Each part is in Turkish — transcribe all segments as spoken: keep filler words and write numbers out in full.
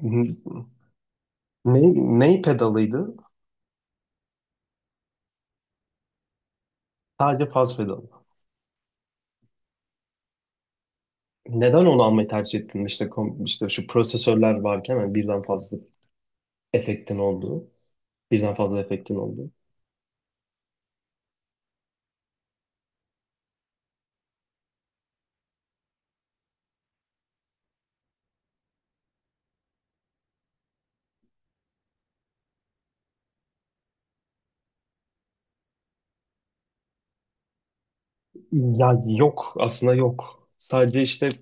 Ne, ney pedalıydı? Sadece faz pedalı. Neden onu almayı tercih ettin? İşte, kom- işte şu prosesörler varken hani birden fazla efektin olduğu. Birden fazla efektin olduğu. Ya yok. Aslında yok. Sadece işte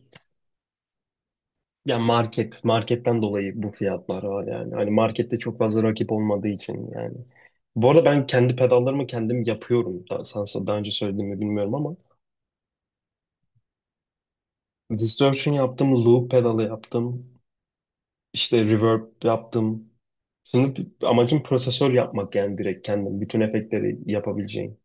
ya market. Marketten dolayı bu fiyatlar var yani. Hani markette çok fazla rakip olmadığı için yani. Bu arada ben kendi pedallarımı kendim yapıyorum. Daha, sana daha önce söylediğimi bilmiyorum ama. Distortion yaptım. Loop pedalı yaptım. İşte reverb yaptım. Şimdi amacım prosesör yapmak yani direkt kendim. Bütün efektleri yapabileceğim.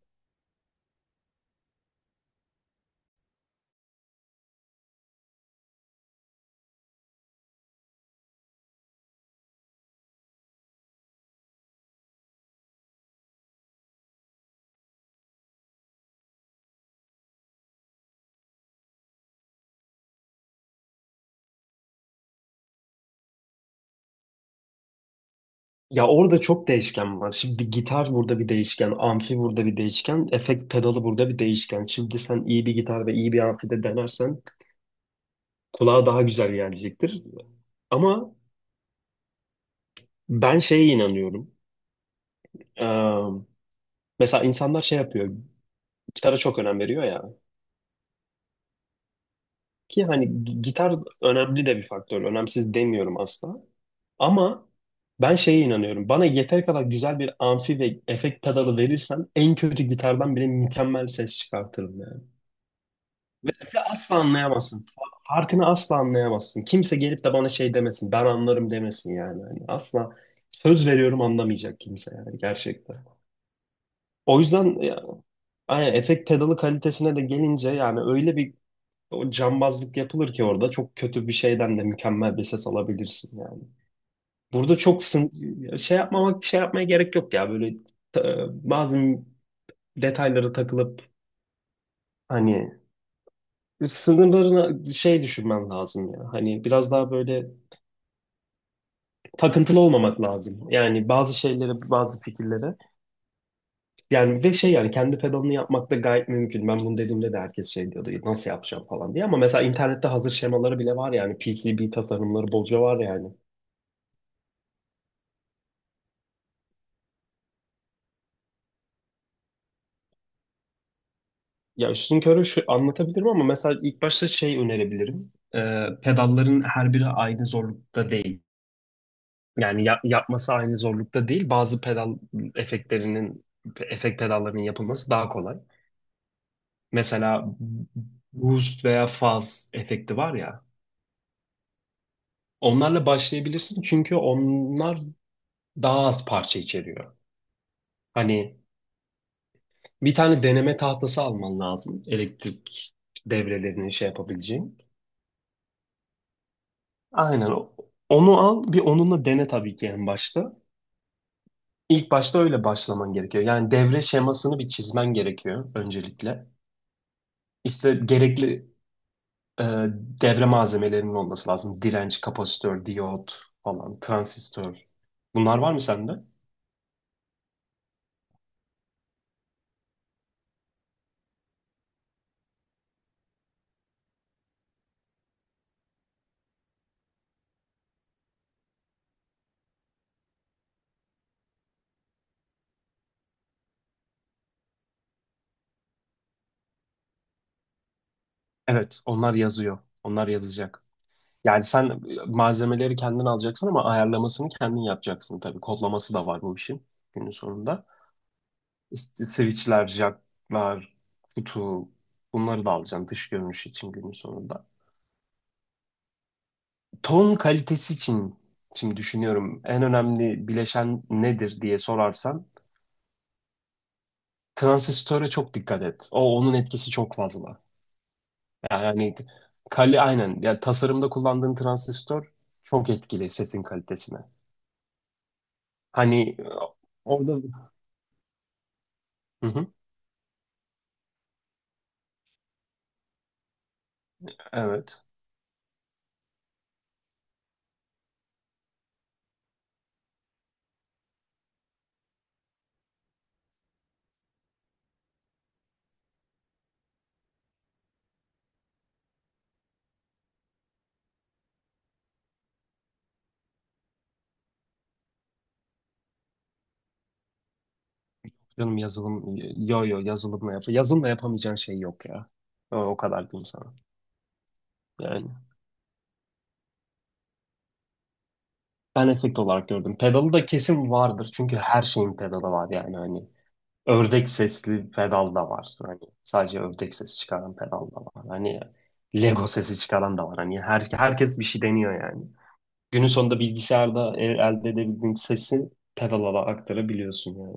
Ya orada çok değişken var. Şimdi bir gitar burada bir değişken, amfi burada bir değişken, efekt pedalı burada bir değişken. Şimdi sen iyi bir gitar ve iyi bir amfi de denersen kulağa daha güzel gelecektir. Ama ben şeye inanıyorum. Ee, Mesela insanlar şey yapıyor. Gitara çok önem veriyor ya. Ki hani gi- gitar önemli de bir faktör. Önemsiz demiyorum asla. Ama ben şeye inanıyorum. Bana yeter kadar güzel bir amfi ve efekt pedalı verirsen en kötü gitardan bile mükemmel ses çıkartırım yani. Ve ve asla anlayamazsın. Fa- Farkını asla anlayamazsın. Kimse gelip de bana şey demesin. Ben anlarım demesin yani. Hani asla söz veriyorum anlamayacak kimse yani gerçekten. O yüzden ya, aynen, efekt pedalı kalitesine de gelince yani öyle bir o cambazlık yapılır ki orada çok kötü bir şeyden de mükemmel bir ses alabilirsin yani. Burada çok sın şey yapmamak şey yapmaya gerek yok ya böyle ta- bazı detaylara takılıp hani sınırlarına şey düşünmen lazım ya. Hani biraz daha böyle takıntılı olmamak lazım. Yani bazı şeylere, bazı fikirlere. Yani ve şey yani kendi pedalını yapmak da gayet mümkün. Ben bunu dediğimde de herkes şey diyordu. Nasıl yapacağım falan diye. Ama mesela internette hazır şemaları bile var yani. P C B tasarımları bolca var yani. Ya üstün körü şu anlatabilirim ama mesela ilk başta şey önerebilirim. Ee, pedalların her biri aynı zorlukta değil. Yani ya- yapması aynı zorlukta değil. Bazı pedal efektlerinin efekt pedallarının yapılması daha kolay. Mesela boost veya fuzz efekti var ya. Onlarla başlayabilirsin çünkü onlar daha az parça içeriyor. Hani bir tane deneme tahtası alman lazım elektrik devrelerini şey yapabileceğin. Aynen. o- Onu al, bir onunla dene tabii ki en başta. İlk başta öyle başlaman gerekiyor. Yani devre şemasını bir çizmen gerekiyor öncelikle. İşte gerekli e, devre malzemelerinin olması lazım. Direnç, kapasitör, diyot falan, transistör. Bunlar var mı sende? Evet, onlar yazıyor. Onlar yazacak. Yani sen e, malzemeleri kendin alacaksın ama ayarlamasını kendin yapacaksın tabii. Kodlaması da var bu işin günün sonunda. İşte switchler, jacklar, kutu bunları da alacağım dış görünüş için günün sonunda. Ton kalitesi için şimdi düşünüyorum en önemli bileşen nedir diye sorarsan transistöre çok dikkat et. O onun etkisi çok fazla. Yani kali aynen yani tasarımda kullandığın transistör çok etkili sesin kalitesine. Hani orada hı hı, evet. Canım yazılım, yo yo yazılımla yap. Yazılımla yapamayacağın şey yok ya. O, o kadar diyeyim sana. Yani. Ben efekt olarak gördüm. Pedalı da kesin vardır. Çünkü her şeyin pedalı var yani hani. Ördek sesli pedal da var. Hani sadece ördek sesi çıkaran pedal da var. Hani Lego sesi çıkaran da var. Hani her, herkes bir şey deniyor yani. Günün sonunda bilgisayarda el- elde edebildiğin sesi pedala da aktarabiliyorsun yani.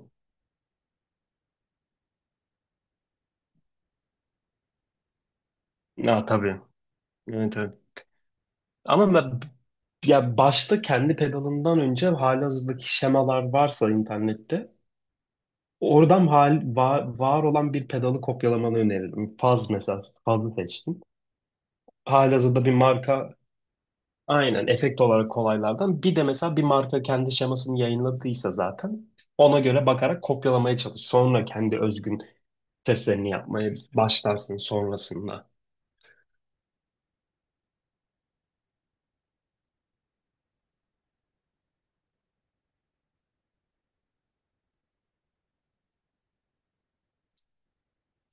Ya tabii. Evet, evet. Ama ben, ya başta kendi pedalından önce halihazırdaki şemalar varsa internette oradan hal, va- var, olan bir pedalı kopyalamanı öneririm. Faz mesela. Faz'ı seçtim. Halihazırda bir marka aynen efekt olarak kolaylardan. Bir de mesela bir marka kendi şemasını yayınladıysa zaten ona göre bakarak kopyalamaya çalış. Sonra kendi özgün seslerini yapmaya başlarsın sonrasında.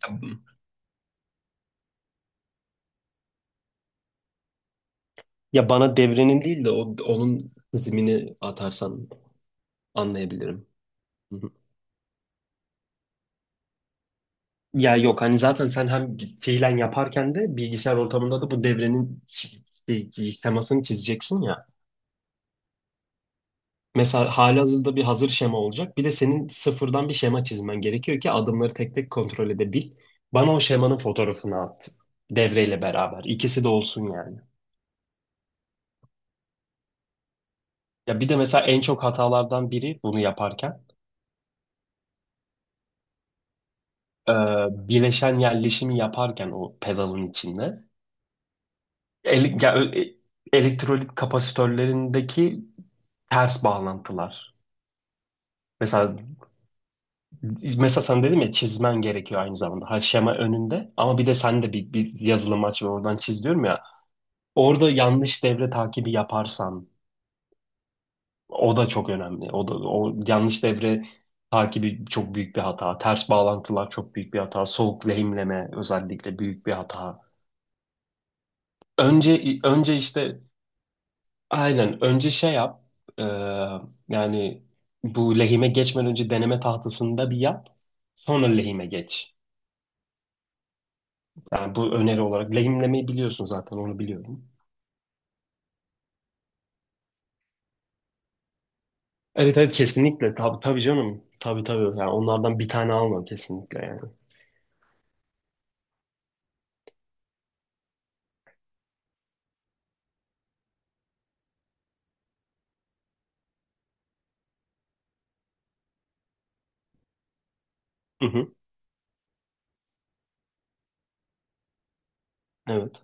Ya ya bana devrenin değil de o, onun hızmini atarsan anlayabilirim. Ya yok hani zaten sen hem fiilen yaparken de bilgisayar ortamında da bu devrenin ş- şey, şemasını çizeceksin ya. Mesela halihazırda bir hazır şema olacak. Bir de senin sıfırdan bir şema çizmen gerekiyor ki adımları tek tek kontrol edebil. Bana o şemanın fotoğrafını at. Devreyle beraber. İkisi de olsun yani. Ya bir de mesela en çok hatalardan biri bunu yaparken e, bileşen yerleşimi yaparken o pedalın içinde ele- ya- e- elektrolit kapasitörlerindeki ters bağlantılar. Mesela mesela sen dedim ya çizmen gerekiyor aynı zamanda. Her şema önünde ama bir de sen de bir, bir yazılım aç ve oradan çiz diyorum ya. Orada yanlış devre takibi yaparsan o da çok önemli. O da o yanlış devre takibi çok büyük bir hata. Ters bağlantılar çok büyük bir hata. Soğuk lehimleme özellikle büyük bir hata. Önce önce işte aynen önce şey yap. Ee, Yani bu lehime geçmeden önce deneme tahtasında bir yap. Sonra lehime geç. Yani bu öneri olarak. Lehimlemeyi biliyorsun zaten onu biliyorum. Evet, evet, kesinlikle. Tabii, tabii, canım. Tabii, tabii. Yani onlardan bir tane alma kesinlikle yani. Hı hı. Evet.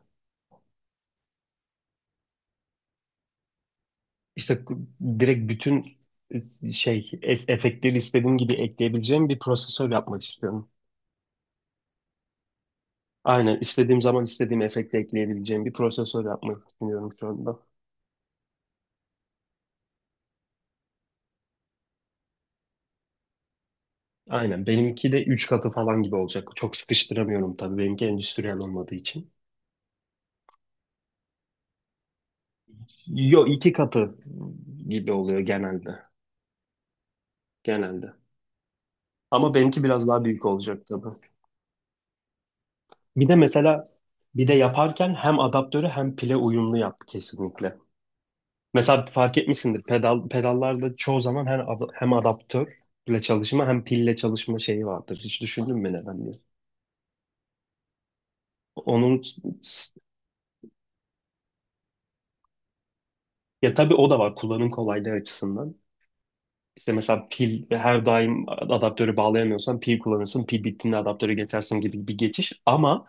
İşte k- direkt bütün e, şey es- efektleri istediğim gibi ekleyebileceğim bir prosesör yapmak istiyorum. Aynen istediğim zaman istediğim efekti ekleyebileceğim bir prosesör yapmak düşünüyorum şu anda. Aynen. Benimki de üç katı falan gibi olacak. Çok sıkıştıramıyorum tabii. Benimki endüstriyel olmadığı için. Yo iki katı gibi oluyor genelde. Genelde. Ama benimki biraz daha büyük olacak tabii. Bir de mesela bir de yaparken hem adaptörü hem pile uyumlu yap kesinlikle. Mesela fark etmişsindir pedal pedallarda çoğu zaman hem ad- hem adaptörle çalışma hem pille çalışma şeyi vardır. Hiç düşündün mü neden diye? Onun ya tabii o da var kullanım kolaylığı açısından. İşte mesela pil her daim adaptörü bağlayamıyorsan pil kullanırsın. Pil bittiğinde adaptörü geçersin gibi bir geçiş. Ama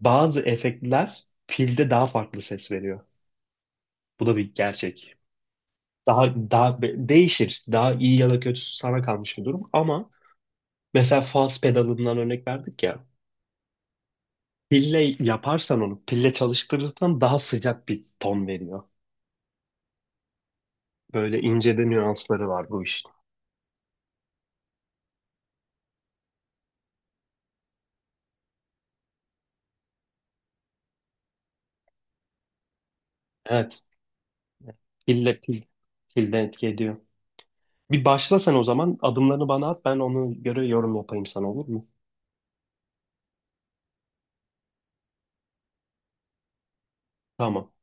bazı efektler pilde daha farklı ses veriyor. Bu da bir gerçek. Daha daha be- değişir. Daha iyi ya da kötüsü sana kalmış bir durum. Ama mesela faz pedalından örnek verdik ya. Pille yaparsan onu, pille çalıştırırsan daha sıcak bir ton veriyor. Böyle ince de nüansları var bu işin. Evet, pille pil, pilde etki ediyor. Bir başla sen o zaman. Adımlarını bana at. Ben ona göre yorum yapayım sana, olur mu? Tamam.